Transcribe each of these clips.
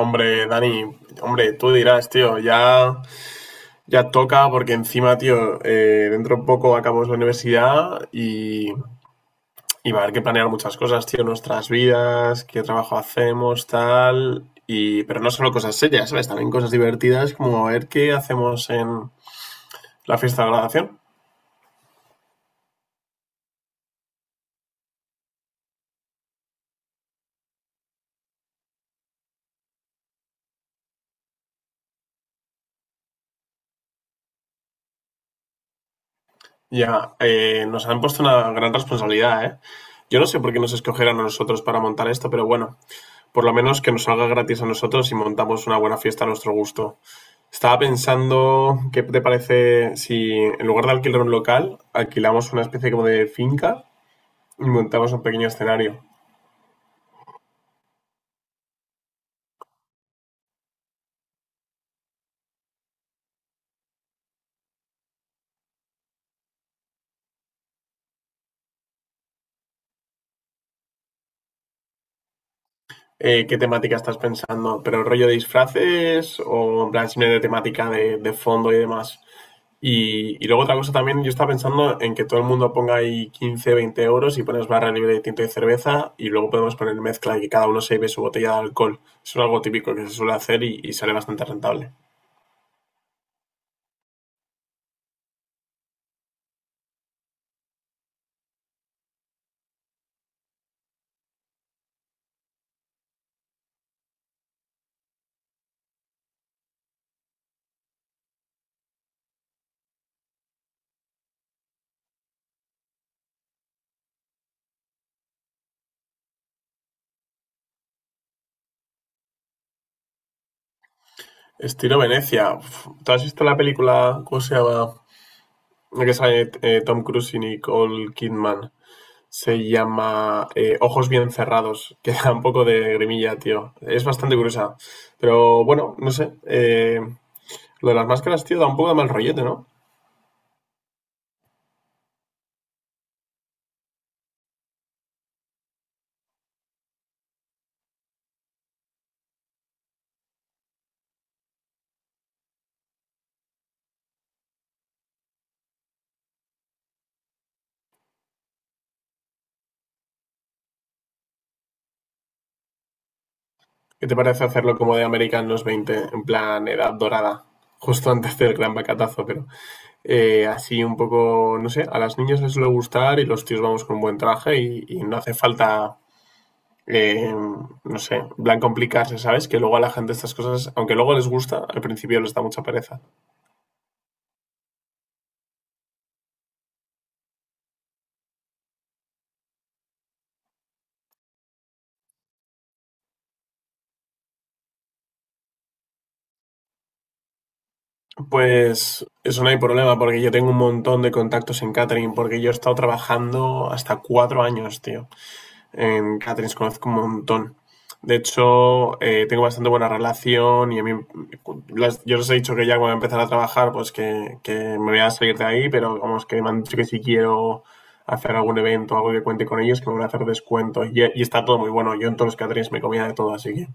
Hombre, Dani, hombre, tú dirás, tío, ya, ya toca porque encima, tío, dentro de poco acabamos la universidad y va a haber que planear muchas cosas, tío, nuestras vidas, qué trabajo hacemos, tal, pero no solo cosas serias, ¿sabes? También cosas divertidas como a ver qué hacemos en la fiesta de graduación. Ya, nos han puesto una gran responsabilidad, ¿eh? Yo no sé por qué nos escogieron a nosotros para montar esto, pero bueno, por lo menos que nos salga gratis a nosotros y montamos una buena fiesta a nuestro gusto. Estaba pensando, ¿qué te parece si en lugar de alquilar un local, alquilamos una especie como de finca y montamos un pequeño escenario? ¿Qué temática estás pensando? ¿Pero rollo de disfraces o en plan simplemente temática de fondo y demás? Y luego otra cosa también, yo estaba pensando en que todo el mundo ponga ahí 15, 20€ y pones barra libre de tinto y cerveza y luego podemos poner mezcla y que cada uno se lleve su botella de alcohol. Eso es algo típico que se suele hacer y sale bastante rentable. Estilo Venecia. Uf, ¿tú has visto la película, cómo se llama? La que sale Tom Cruise y Nicole Kidman. Se llama Ojos bien cerrados, que da un poco de grimilla, tío. Es bastante gruesa. Pero bueno, no sé. Lo de las máscaras, tío, da un poco de mal rollete, ¿no? ¿Qué te parece hacerlo como de América en los 20, en plan edad dorada? Justo antes del gran bacatazo, pero así un poco, no sé, a las niñas les suele gustar y los tíos vamos con un buen traje y no hace falta eh, no sé, en plan complicarse, ¿sabes? Que luego a la gente estas cosas, aunque luego les gusta, al principio les da mucha pereza. Pues eso no hay problema, porque yo tengo un montón de contactos en catering, porque yo he estado trabajando hasta 4 años, tío. En caterings conozco un montón. De hecho, tengo bastante buena relación y a mí, yo les he dicho que ya cuando empezar a trabajar, pues que me voy a salir de ahí, pero vamos, que me han dicho que si quiero hacer algún evento, algo que cuente con ellos, que me van a hacer descuento. Y está todo muy bueno. Yo en todos los caterings me comía de todo, así que.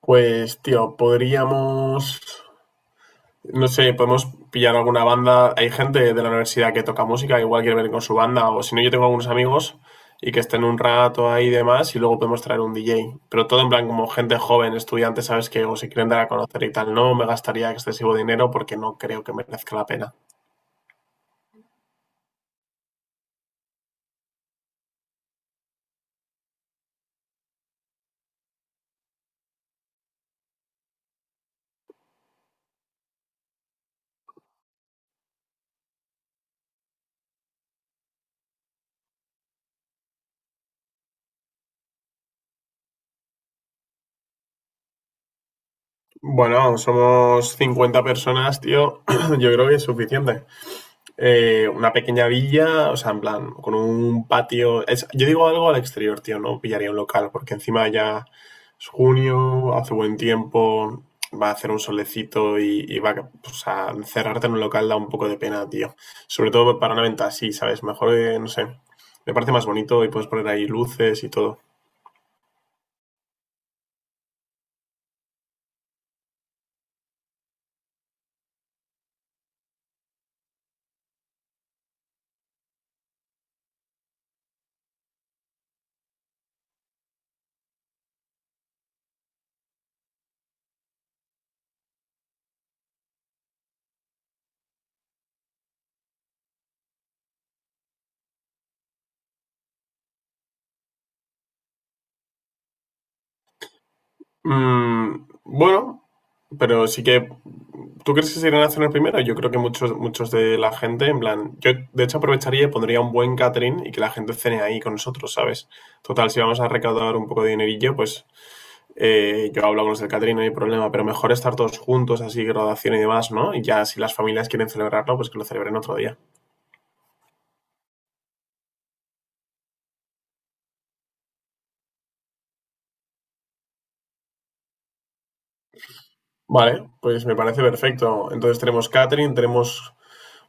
Pues, tío, podríamos. No sé, podemos pillar alguna banda. Hay gente de la universidad que toca música, igual quiere venir con su banda, o si no, yo tengo algunos amigos y que estén un rato ahí y demás, y luego podemos traer un DJ. Pero todo en plan como gente joven, estudiantes, ¿sabes? Que o si quieren dar a conocer y tal, no me gastaría excesivo dinero porque no creo que merezca la pena. Bueno, somos 50 personas, tío. Yo creo que es suficiente. Una pequeña villa, o sea, en plan, con un patio. Yo digo algo al exterior, tío, no pillaría un local, porque encima ya es junio, hace buen tiempo, va a hacer un solecito y va a. O sea, encerrarte en un local da un poco de pena, tío. Sobre todo para una venta así, ¿sabes? Mejor, no sé. Me parece más bonito y puedes poner ahí luces y todo. Mm, bueno, pero sí que. ¿Tú crees que se irán a cenar primero? Yo creo que muchos de la gente, en plan. Yo, de hecho, aprovecharía y pondría un buen catering y que la gente cene ahí con nosotros, ¿sabes? Total, si vamos a recaudar un poco de dinerillo, pues yo hablo con los del catering, no hay problema, pero mejor estar todos juntos, así, graduación y demás, ¿no? Y ya si las familias quieren celebrarlo, pues que lo celebren otro día. Vale, pues me parece perfecto. Entonces tenemos catering, tenemos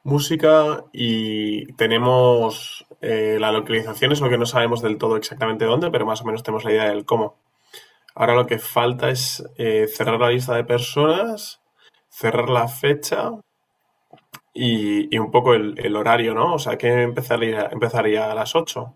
música y tenemos la localización, es lo que no sabemos del todo exactamente dónde, pero más o menos tenemos la idea del cómo. Ahora lo que falta es cerrar la lista de personas, cerrar la fecha y un poco el horario, ¿no? O sea, que empezaría a las 8.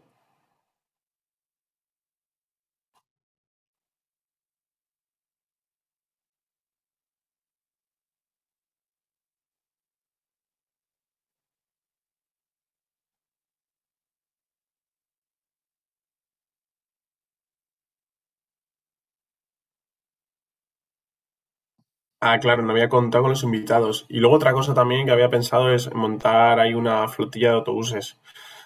Ah, claro, no había contado con los invitados. Y luego otra cosa también que había pensado es montar ahí una flotilla de autobuses,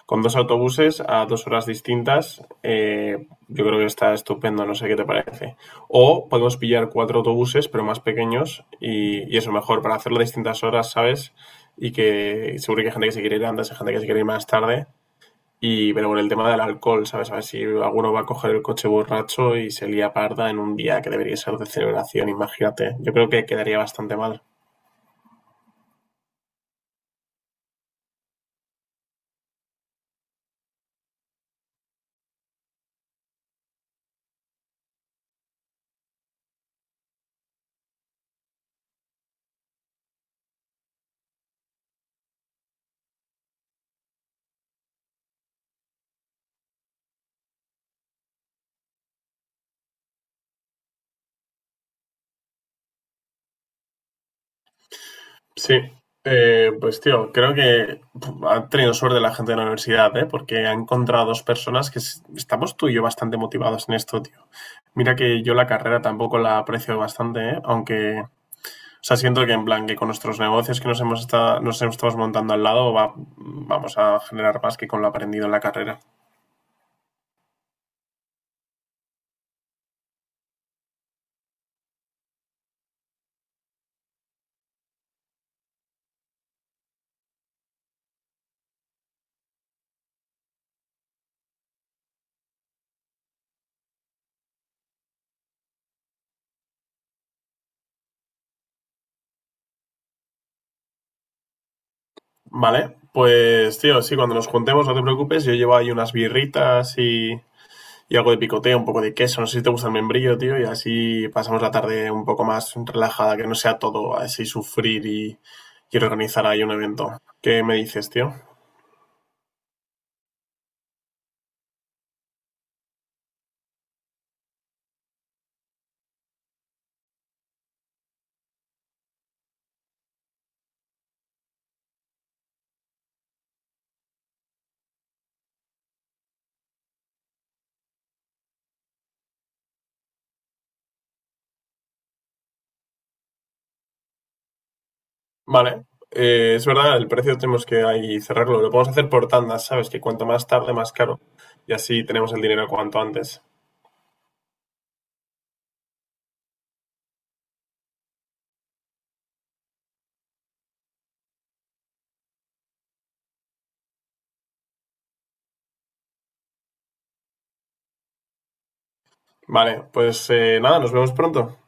con dos autobuses a 2 horas distintas, yo creo que está estupendo, no sé qué te parece. O podemos pillar cuatro autobuses, pero más pequeños, y eso mejor, para hacerlo a distintas horas, ¿sabes? Y que seguro que hay gente que se quiere ir antes, hay gente que se quiere ir más tarde. Pero con el tema del alcohol, ¿sabes? A ver si alguno va a coger el coche borracho y se lía parda en un día que debería ser de celebración, imagínate. Yo creo que quedaría bastante mal. Sí, pues tío, creo que ha tenido suerte la gente de la universidad, ¿eh? Porque ha encontrado dos personas estamos tú y yo bastante motivados en esto, tío. Mira que yo la carrera tampoco la aprecio bastante, ¿eh? Aunque, o sea, siento que en plan que con nuestros negocios que nos hemos estado montando al lado vamos a generar más que con lo aprendido en la carrera. Vale, pues tío, sí, cuando nos juntemos, no te preocupes, yo llevo ahí unas birritas y algo de picoteo, un poco de queso. No sé si te gusta el membrillo, tío. Y así pasamos la tarde un poco más relajada, que no sea todo así sufrir y organizar ahí un evento. ¿Qué me dices, tío? Vale. Es verdad, el precio tenemos que ahí cerrarlo. Lo podemos hacer por tandas, ¿sabes? Que cuanto más tarde, más caro. Y así tenemos el dinero cuanto antes. Vale, pues nada, nos vemos pronto.